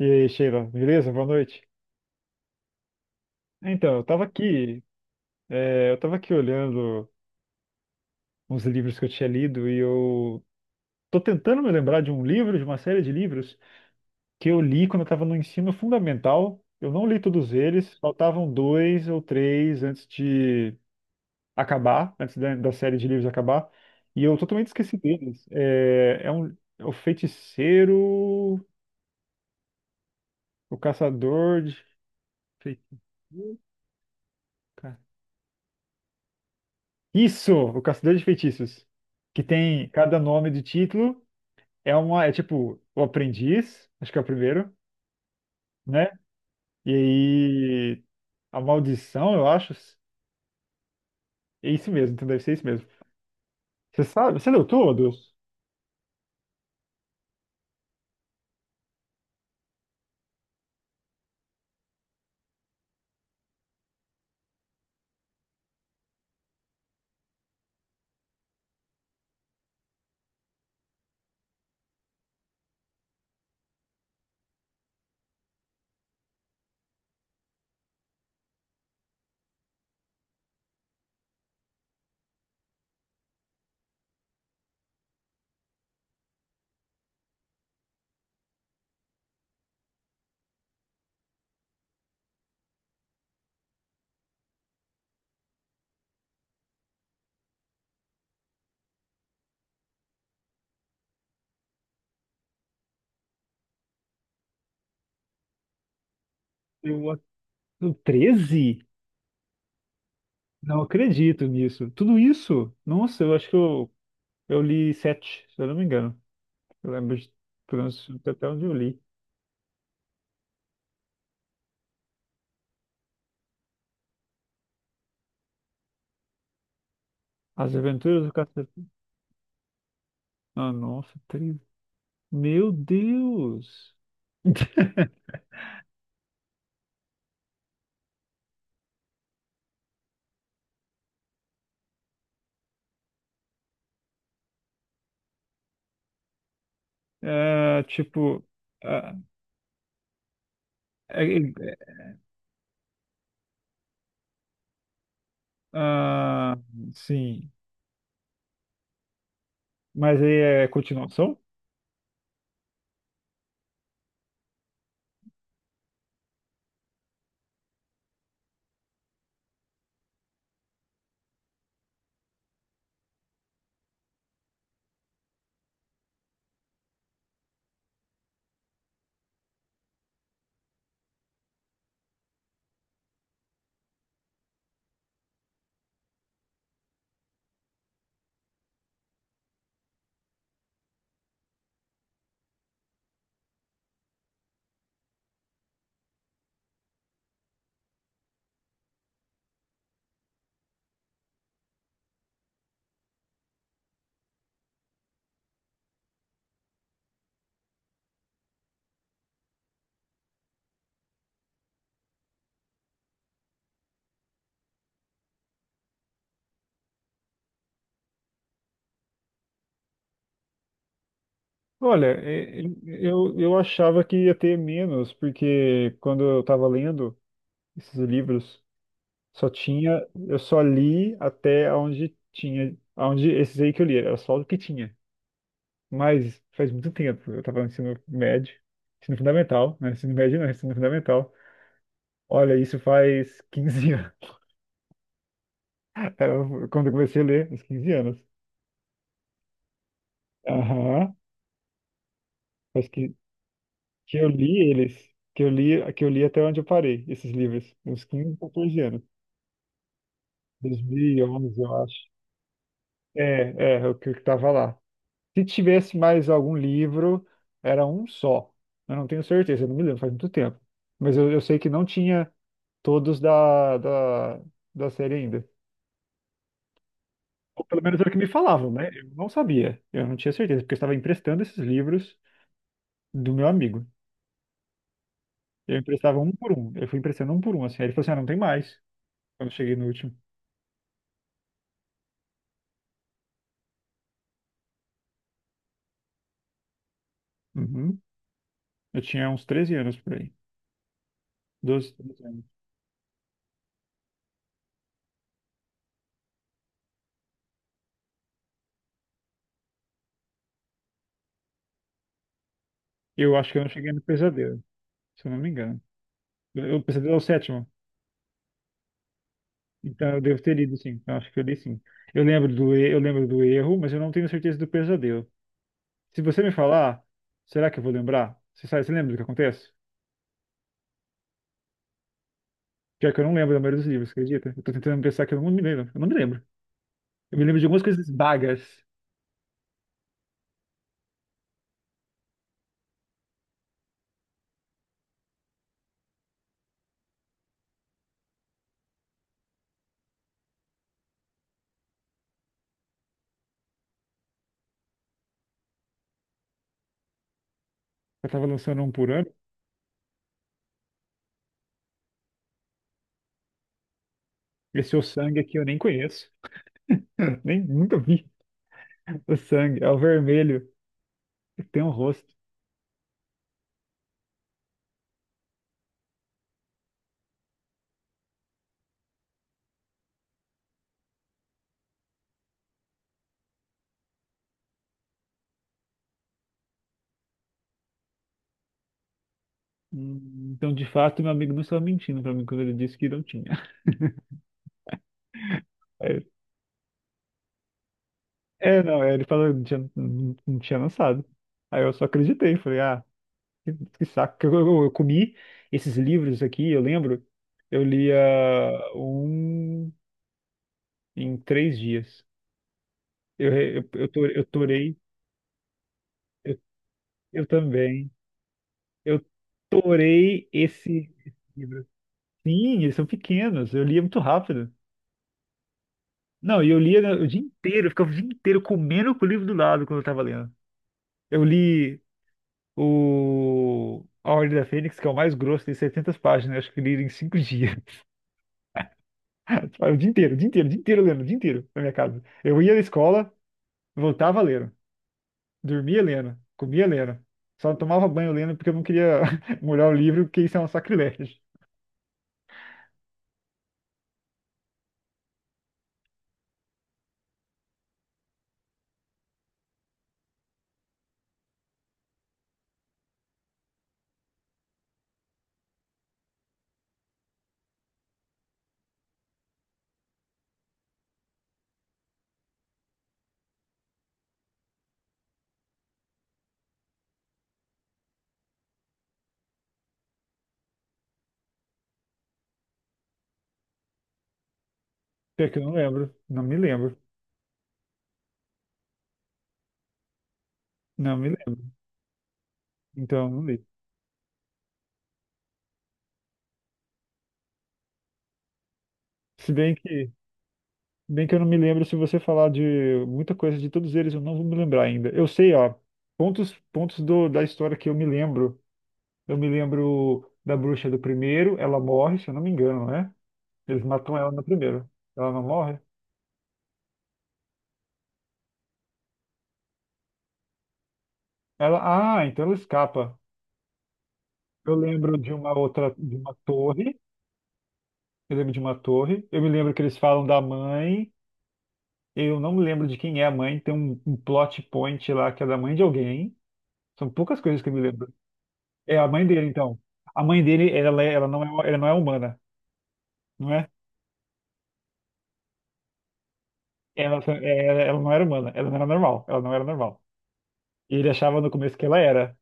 E aí, Sheila, beleza? Boa noite. Então, eu tava aqui olhando uns livros que eu tinha lido e eu tô tentando me lembrar de um livro, de uma série de livros que eu li quando eu tava no ensino fundamental. Eu não li todos eles, faltavam dois ou três antes de acabar, antes da série de livros acabar, e eu totalmente esqueci deles. É o Feiticeiro, o Caçador de Feitiçeiros. Isso, o Caçador de Feitiços. Que tem cada nome do título. É tipo, o Aprendiz, acho que é o primeiro, né? E aí, a Maldição, eu acho. É isso mesmo, então deve ser isso mesmo. Você sabe, você leu todos? Eu, a- o 13? Não acredito nisso. Tudo isso? Nossa, eu acho que eu li sete, se eu não me engano. Eu lembro de, pelo menos até onde eu li. As Aventuras do Caçador. Ah, nossa, 13. Meu Deus! É, tipo, ah, é, é, é, ah, sim, mas aí é continuação? Olha, eu achava que ia ter menos, porque quando eu estava lendo esses livros, só tinha, eu só li até onde tinha, onde esses aí que eu li, era só o que tinha. Mas faz muito tempo, eu estava no ensino médio, ensino fundamental, né? Ensino médio não, ensino fundamental. Olha, isso faz 15 anos. Era quando eu comecei a ler, uns 15 anos. Aham, mas que eu li eles, que eu li, até onde eu parei, esses livros, uns 15, 14 anos, 2011, eu acho. É, é o que estava lá. Se tivesse mais algum livro, era um só. Eu não tenho certeza, eu não me lembro, faz muito tempo. Mas eu sei que não tinha todos da, da série ainda. Ou pelo menos era o que me falavam, né? Eu não sabia, eu não tinha certeza, porque eu estava emprestando esses livros do meu amigo. Eu emprestava um por um, eu fui emprestando um por um, assim. Aí ele falou assim, ah, não tem mais. Quando eu cheguei no último. Uhum. Eu tinha uns 13 anos por aí. 12. 13 anos. Eu acho que eu não cheguei no pesadelo, se eu não me engano. O pesadelo é o sétimo. Então eu devo ter lido, sim. Então acho que eu li, sim. Eu lembro do erro, mas eu não tenho certeza do pesadelo. Se você me falar, será que eu vou lembrar? Você sabe, você lembra do que acontece? Pior que eu não lembro da maioria dos livros, acredita? Eu tô tentando pensar que eu não me lembro. Eu não me lembro. Eu me lembro de algumas coisas vagas. Eu tava lançando um por ano. Esse é o sangue aqui eu nem conheço. Nem nunca vi. O sangue, é o vermelho. Tem um rosto. Então, de fato, meu amigo não estava mentindo pra mim quando ele disse que não tinha. Aí eu, não, ele falou que não tinha, não tinha lançado. Aí eu só acreditei, falei, ah, que saco. Eu comi esses livros aqui, eu lembro, eu lia um em 3 dias. Eu torei. Eu, eu também, eu torei esse, livro. Sim, eles são pequenos, eu lia muito rápido. Não, e eu lia, né, o dia inteiro, eu ficava o dia inteiro comendo com o livro do lado quando eu tava lendo. Eu li o A Ordem da Fênix, que é o mais grosso, tem 700 páginas, acho que li em 5 dias. O dia inteiro, o dia inteiro, o dia inteiro lendo, o dia inteiro na minha casa. Eu ia na escola, voltava lendo, dormia lendo, comia lendo. Só não tomava banho lendo porque eu não queria molhar o livro, porque isso é um sacrilégio. Pior que eu não lembro, não me lembro, não me lembro. Então, não li. Se bem que Bem que eu não me lembro, se você falar de muita coisa de todos eles, eu não vou me lembrar ainda. Eu sei, ó, pontos, pontos da história que eu me lembro. Eu me lembro da bruxa do primeiro, ela morre, se eu não me engano, né? Eles matam ela no primeiro. Ela não morre? Ah, então ela escapa. Eu lembro de uma outra, de uma torre. Eu lembro de uma torre. Eu me lembro que eles falam da mãe. Eu não me lembro de quem é a mãe. Tem um plot point lá que é da mãe de alguém. São poucas coisas que eu me lembro. É a mãe dele, então. A mãe dele, ela, ela não é humana, não é? Ela não era humana, ela não era normal, ela não era normal. E ele achava no começo que ela era.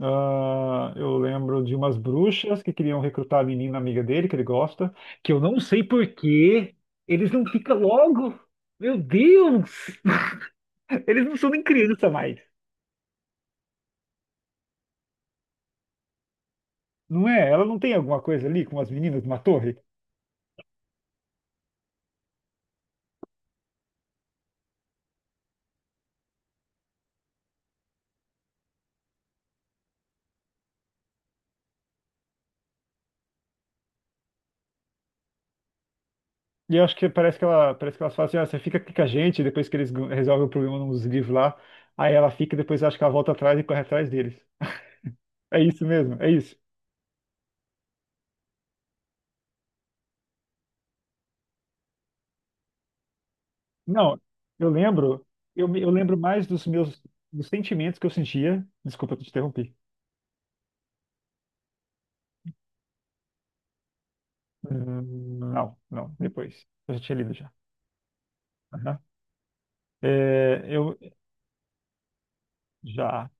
Ah, eu lembro de umas bruxas que queriam recrutar a menina amiga dele, que ele gosta, que eu não sei por que eles não ficam logo. Meu Deus! Eles não são nem criança mais. Não é? Ela não tem alguma coisa ali com as meninas de uma torre? E eu acho que parece que elas falam assim, ah, você fica aqui com a gente, depois que eles resolvem o problema nos livros lá, aí ela fica e depois acho que ela volta atrás e corre atrás deles. É isso mesmo, é isso. Não, eu lembro, eu lembro mais dos sentimentos que eu sentia. Desculpa, eu te interrompi. Hum. Não, não, depois. Eu já tinha lido já. Aham. Eu já,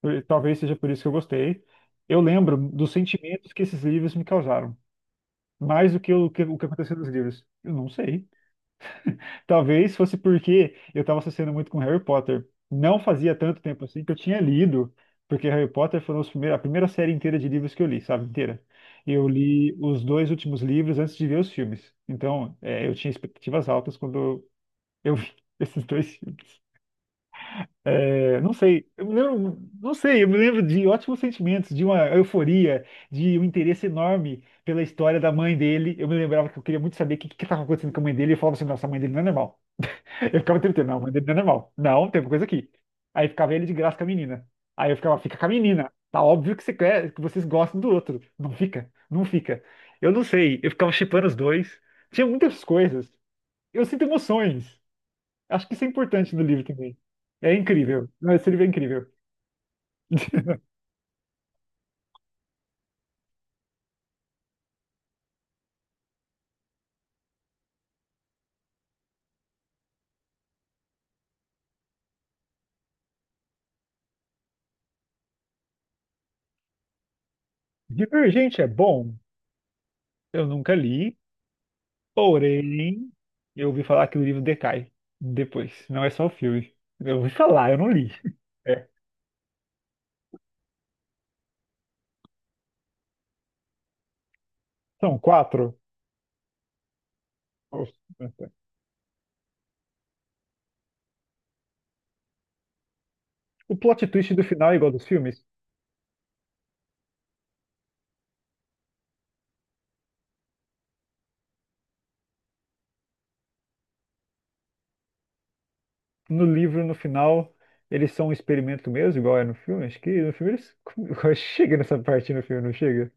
talvez seja por isso que eu gostei. Eu lembro dos sentimentos que esses livros me causaram, mais do que, o que aconteceu nos livros. Eu não sei. Talvez fosse porque eu estava associando muito com Harry Potter. Não fazia tanto tempo assim que eu tinha lido, porque Harry Potter foram os primeiros, a primeira série inteira de livros que eu li, sabe? Inteira. Eu li os dois últimos livros antes de ver os filmes. Então, eu tinha expectativas altas quando eu vi esses dois filmes. Não sei, eu me lembro, não sei, eu me lembro de ótimos sentimentos, de uma euforia, de um interesse enorme pela história da mãe dele. Eu me lembrava que eu queria muito saber o que que estava acontecendo com a mãe dele, e eu falava assim, nossa, a mãe dele não é normal. Eu ficava tentando, não, mas ele não é normal. Não, tem alguma coisa aqui. Aí ficava ele de graça com a menina. Aí eu ficava, fica com a menina. Tá óbvio que você quer, que vocês gostam do outro. Não fica, não fica. Eu não sei, eu ficava shippando os dois. Tinha muitas coisas. Eu sinto emoções. Acho que isso é importante no livro também. É incrível. Não, esse livro é incrível. Divergente é bom. Eu nunca li, porém, eu ouvi falar que o livro decai depois. Não é só o filme. Eu ouvi falar, eu não li. É. São quatro. Nossa. O plot twist do final é igual dos filmes. No livro, no final, eles são um experimento mesmo, igual é no filme. Acho que no filme eles. Chega nessa parte no filme, não chega?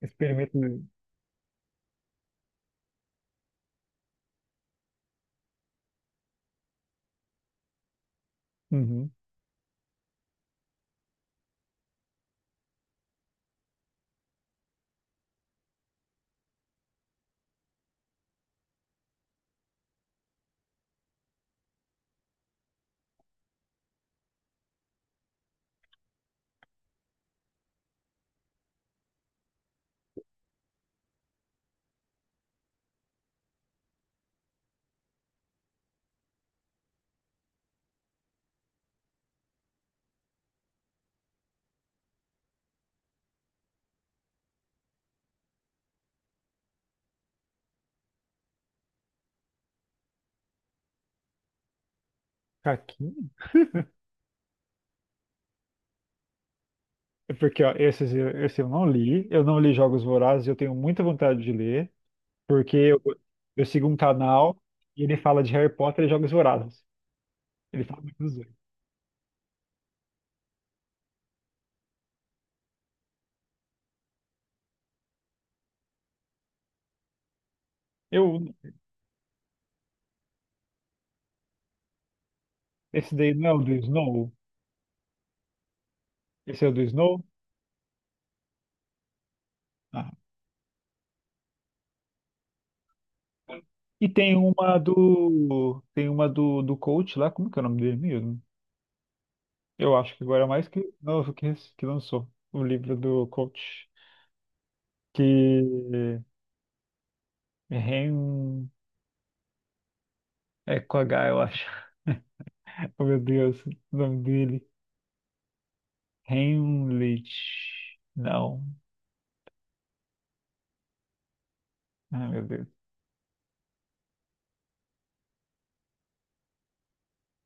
Experimento. Uhum. Caquinho? É porque, ó, esses, esse eu não li. Eu não li Jogos Vorazes, eu tenho muita vontade de ler, porque eu sigo um canal e ele fala de Harry Potter e Jogos Vorazes. Ele fala muito dos dois. Eu, esse daí não é o do Snow? Esse é o do Snow? Ah. E tem uma do. Tem uma do coach lá, como que é o nome dele mesmo? Eu acho que agora é mais que novo que, lançou o livro do coach. Que Ren. É com H, eu acho. Oh meu Deus, o nome dele. Heimlich. Não. Ah, meu Deus.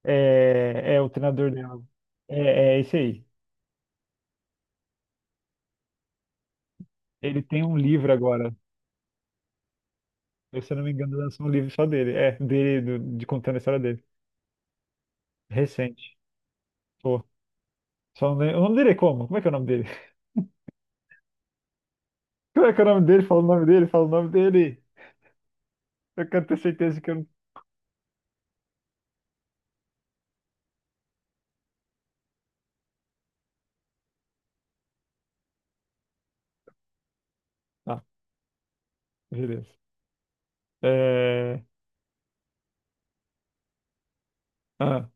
É o treinador dela. É esse aí. Ele tem um livro agora. Se eu não me engano, lançou um livro só dele. É, dele, de contando a história dele. Recente. Pô, só o nome dele é como? Como é que é o nome dele? Como é que é o nome dele? Fala o nome dele, fala o nome dele. Eu quero ter certeza que eu não. Ah, beleza. É... Ah,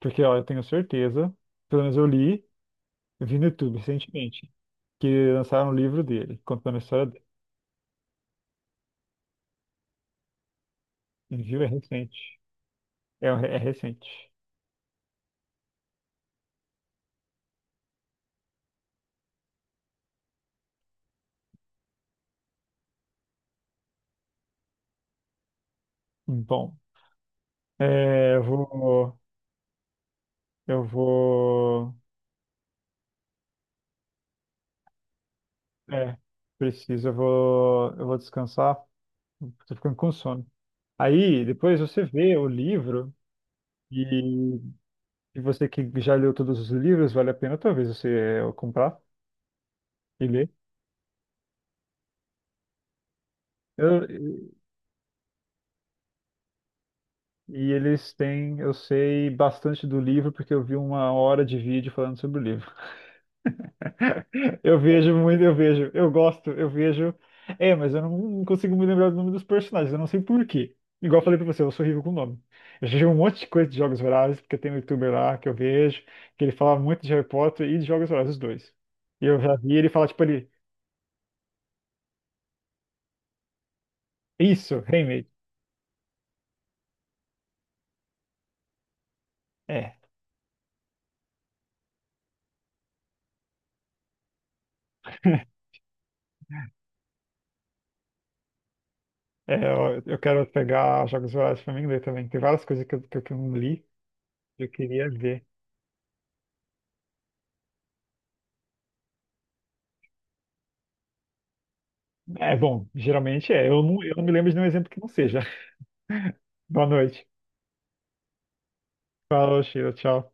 porque, ó, eu tenho certeza, pelo menos eu li, eu vi no YouTube recentemente, que lançaram um livro dele, contando a história dele. Viu? É recente. É recente. Bom, eu vou. Eu vou. É, preciso, eu vou. Eu vou descansar. Tô ficando com sono. Aí, depois você vê o livro. E, e você que já leu todos os livros, vale a pena talvez você comprar e ler. Eu- e eles têm, eu sei bastante do livro porque eu vi uma hora de vídeo falando sobre o livro. Eu vejo muito, eu vejo, eu gosto, eu vejo. É, mas eu não consigo me lembrar do nome dos personagens, eu não sei por quê. Igual eu falei pra você, eu sou horrível com nome. Eu já vi um monte de coisa de Jogos Vorazes, porque tem um youtuber lá que eu vejo, que ele fala muito de Harry Potter e de Jogos Vorazes, os dois. E eu já vi ele falar, tipo, ele, isso, Handmaid. É, é, eu quero pegar Jogos Vorazes pra mim ler também. Tem várias coisas que eu não li, que eu queria ver. É bom, geralmente é. Eu não me lembro de nenhum exemplo que não seja. Boa noite. Falou, Sheila. Tchau.